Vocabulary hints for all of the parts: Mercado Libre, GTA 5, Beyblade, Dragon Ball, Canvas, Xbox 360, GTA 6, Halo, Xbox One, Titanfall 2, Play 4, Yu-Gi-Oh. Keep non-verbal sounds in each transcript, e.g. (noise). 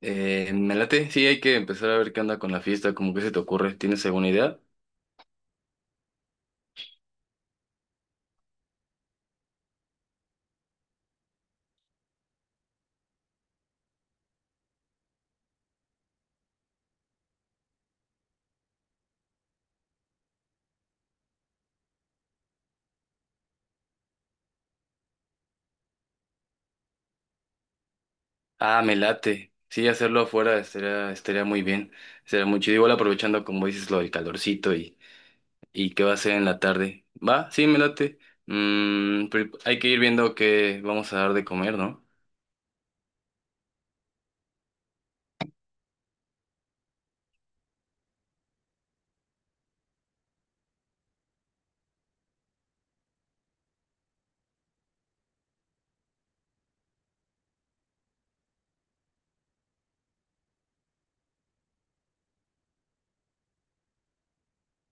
Me late, sí, hay que empezar a ver qué onda con la fiesta, como que se te ocurre, ¿tienes alguna idea? Ah, me late, sí, hacerlo afuera estaría muy bien, estaría muy chido, igual aprovechando como dices lo del calorcito y qué va a ser en la tarde. Va, sí, me late. Pero hay que ir viendo qué vamos a dar de comer, ¿no?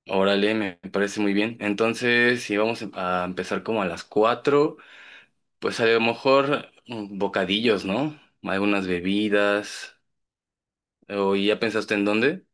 Órale, me parece muy bien, entonces si vamos a empezar como a las 4 pues a lo mejor bocadillos, ¿no? Algunas bebidas. ¿O ¿Y ya pensaste en dónde?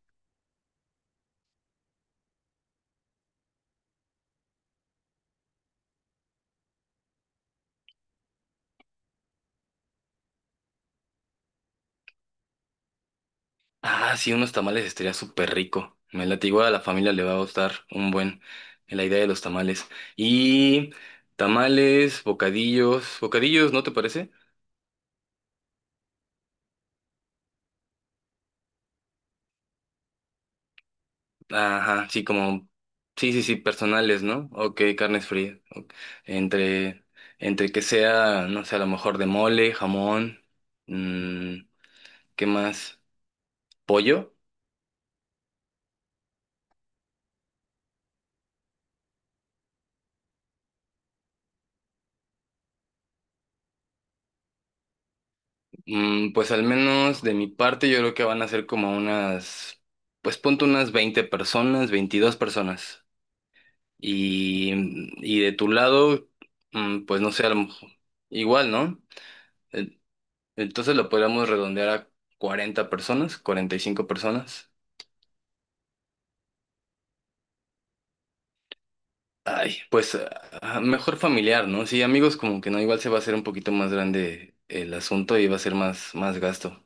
Ah, sí, unos tamales estaría súper rico. Me late, igual a la familia le va a gustar un buen la idea de los tamales. Y tamales, bocadillos, bocadillos, ¿no te parece? Ajá, sí, como, sí, sí, sí, personales, ¿no? Ok, carnes frías. Ok. Entre, entre que sea, no sé, a lo mejor de mole, jamón, mm, ¿qué más? ¿Pollo? Pues al menos de mi parte yo creo que van a ser como unas, pues ponte unas 20 personas, 22 personas. Y, y de tu lado, pues no sé, igual, ¿no? Eh, Entonces lo podríamos redondear a 40 personas, 45 personas. Ay, pues mejor familiar, ¿no? Sí, amigos como que no, igual se va a hacer un poquito más grande el asunto y va a ser más gasto.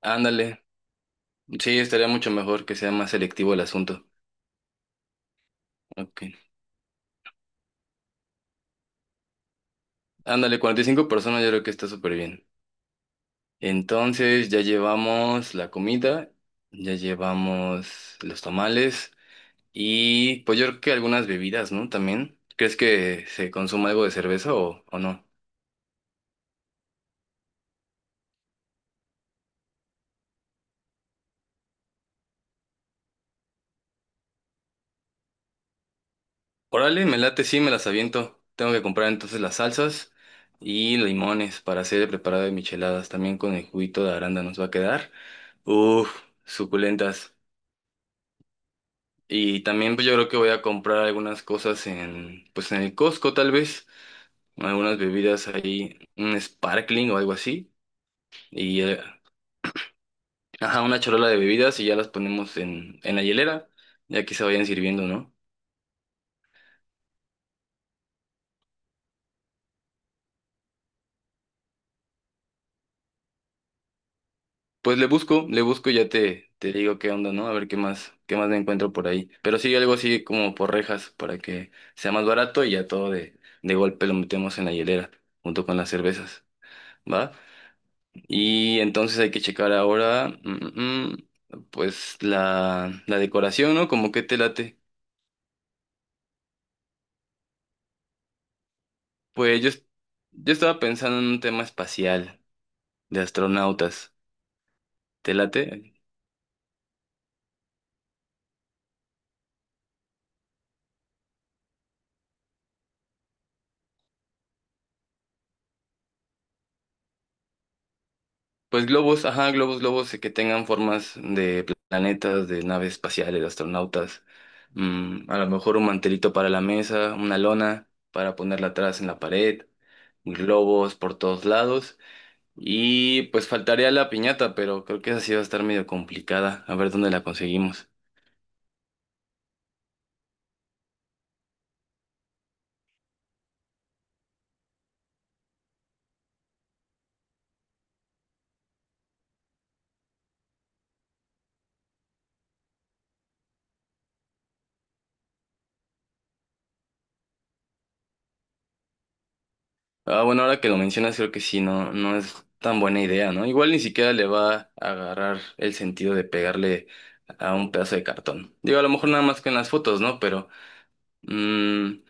Ándale, sí, estaría mucho mejor que sea más selectivo el asunto. Ok. Ándale, 45 personas yo creo que está súper bien. Entonces ya llevamos la comida, ya llevamos los tamales y pues yo creo que algunas bebidas, ¿no? También. ¿Crees que se consuma algo de cerveza o no? Órale, me late, sí, me las aviento. Tengo que comprar entonces las salsas y limones para hacer el preparado de micheladas. También con el juguito de aranda nos va a quedar. Uf, suculentas. Y también pues yo creo que voy a comprar algunas cosas pues en el Costco tal vez. Algunas bebidas ahí, un sparkling o algo así, y ajá, una charola de bebidas y ya las ponemos en la hielera, ya que se vayan sirviendo, ¿no? Pues le busco y ya te digo qué onda, ¿no? A ver qué más me encuentro por ahí. Pero sí, algo así como por rejas, para que sea más barato y ya todo de golpe lo metemos en la hielera, junto con las cervezas, ¿va? Y entonces hay que checar ahora, pues la decoración, ¿no? Como que te late. Pues yo, yo estaba pensando en un tema espacial de astronautas. ¿Te late? Pues globos, ajá, globos, globos que tengan formas de planetas, de naves espaciales, de astronautas. Mm, a lo mejor un mantelito para la mesa, una lona para ponerla atrás en la pared, globos por todos lados. Y pues faltaría la piñata, pero creo que esa sí va a estar medio complicada. A ver dónde la conseguimos. Ah, bueno, ahora que lo mencionas, creo que sí, no, no es tan buena idea, ¿no? Igual ni siquiera le va a agarrar el sentido de pegarle a un pedazo de cartón. Digo, a lo mejor nada más que en las fotos, ¿no? Pero, mm,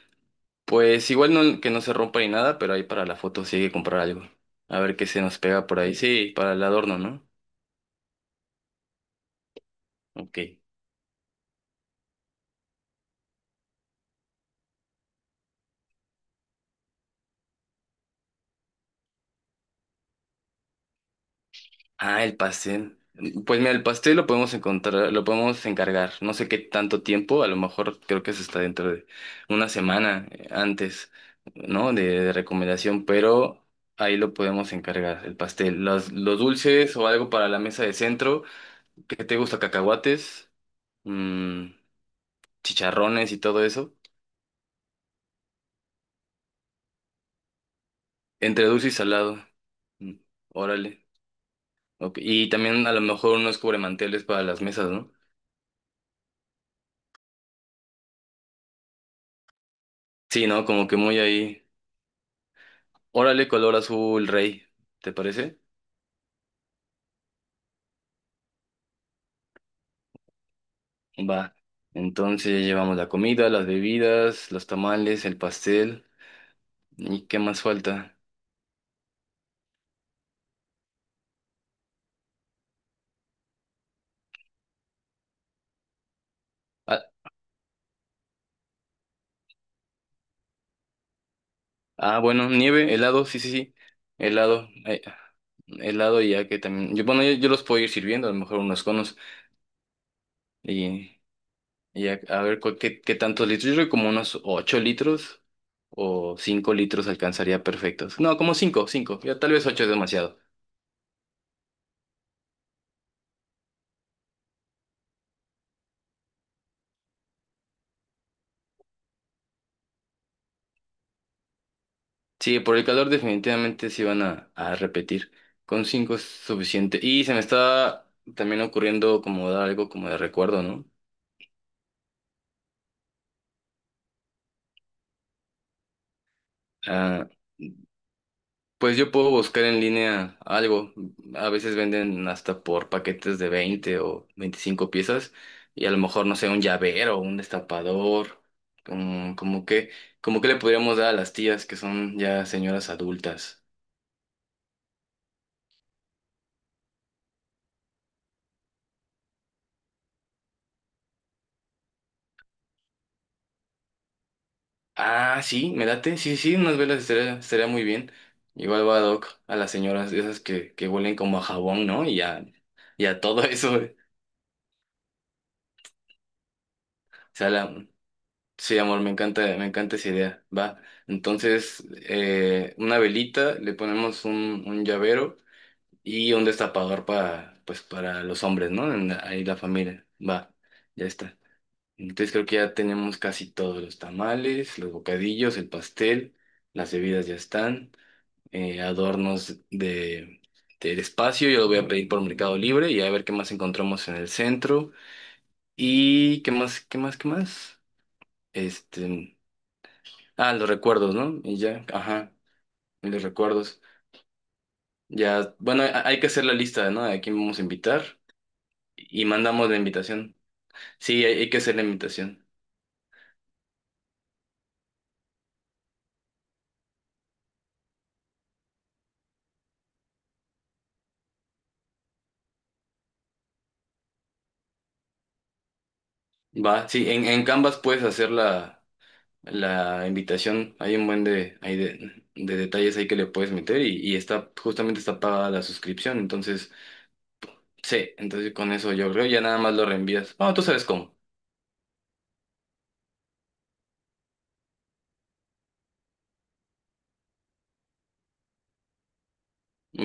pues igual no, que no se rompa ni nada, pero ahí para la foto sí hay que comprar algo. A ver qué se nos pega por ahí. Sí, para el adorno, ¿no? Ok. Ah, el pastel. Pues mira, el pastel lo podemos encontrar, lo podemos encargar. No sé qué tanto tiempo, a lo mejor creo que se está dentro de una semana antes, ¿no? De recomendación, pero ahí lo podemos encargar, el pastel. Los dulces o algo para la mesa de centro. ¿Qué te gusta? Cacahuates, mm, chicharrones y todo eso. Entre dulce y salado. Mm, órale. Ok. Y también a lo mejor unos cubremanteles para las mesas, ¿no? Sí, ¿no? Como que muy ahí. Órale, color azul, rey. ¿Te parece? Va. Entonces llevamos la comida, las bebidas, los tamales, el pastel. ¿Y qué más falta? Ah, ah, bueno, nieve, helado, sí, sí, sí. Helado. eh, helado. Y ya que también... Yo, bueno, yo los puedo ir sirviendo, a lo mejor unos conos. Y, y a ver qué tantos litros. Yo creo que como unos 8 litros o 5 litros alcanzaría perfectos. No, como cinco, cinco. Ya tal vez 8 es demasiado. Sí, por el calor definitivamente sí van a repetir. Con cinco es suficiente. Y se me está también ocurriendo como dar algo como de recuerdo, ¿no? Ah, pues yo puedo buscar en línea algo. A veces venden hasta por paquetes de 20 o 25 piezas. Y a lo mejor, no sé, un llavero, un destapador. Como, como que, como que le podríamos dar a las tías que son ya señoras adultas. Ah, sí, me late. Sí, sí, unas velas estaría muy bien. Igual va ad hoc a las señoras, esas que huelen como a jabón, ¿no? Y a todo (laughs) eso. O sea, sí, amor, me encanta esa idea. Va. Entonces, una velita, le ponemos un llavero y un destapador para, pues, para los hombres, ¿no? Ahí la familia. Va, ya está. Entonces creo que ya tenemos casi todos los tamales, los bocadillos, el pastel, las bebidas ya están. Adornos de, del espacio. Yo lo voy a pedir por Mercado Libre y a ver qué más encontramos en el centro. Y qué más, qué más, qué más. Este, los recuerdos, ¿no? Y ya, ajá, y los recuerdos. Ya, bueno, hay que hacer la lista, ¿no? A quién vamos a invitar y mandamos la invitación. Sí, hay que hacer la invitación. Va, sí, en Canvas puedes hacerla la invitación. Hay un buen de, hay de detalles ahí que le puedes meter y está justamente está pagada la suscripción. Entonces, sí, entonces con eso yo creo ya nada más lo reenvías. Bueno, tú sabes cómo.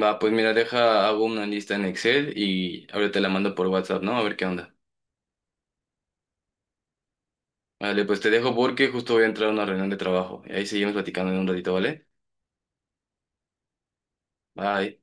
Va, pues mira, deja, hago una lista en Excel y ahora te la mando por WhatsApp, ¿no? A ver qué onda. Vale, pues te dejo porque justo voy a entrar a una reunión de trabajo. Y ahí seguimos platicando en un ratito, ¿vale? Bye.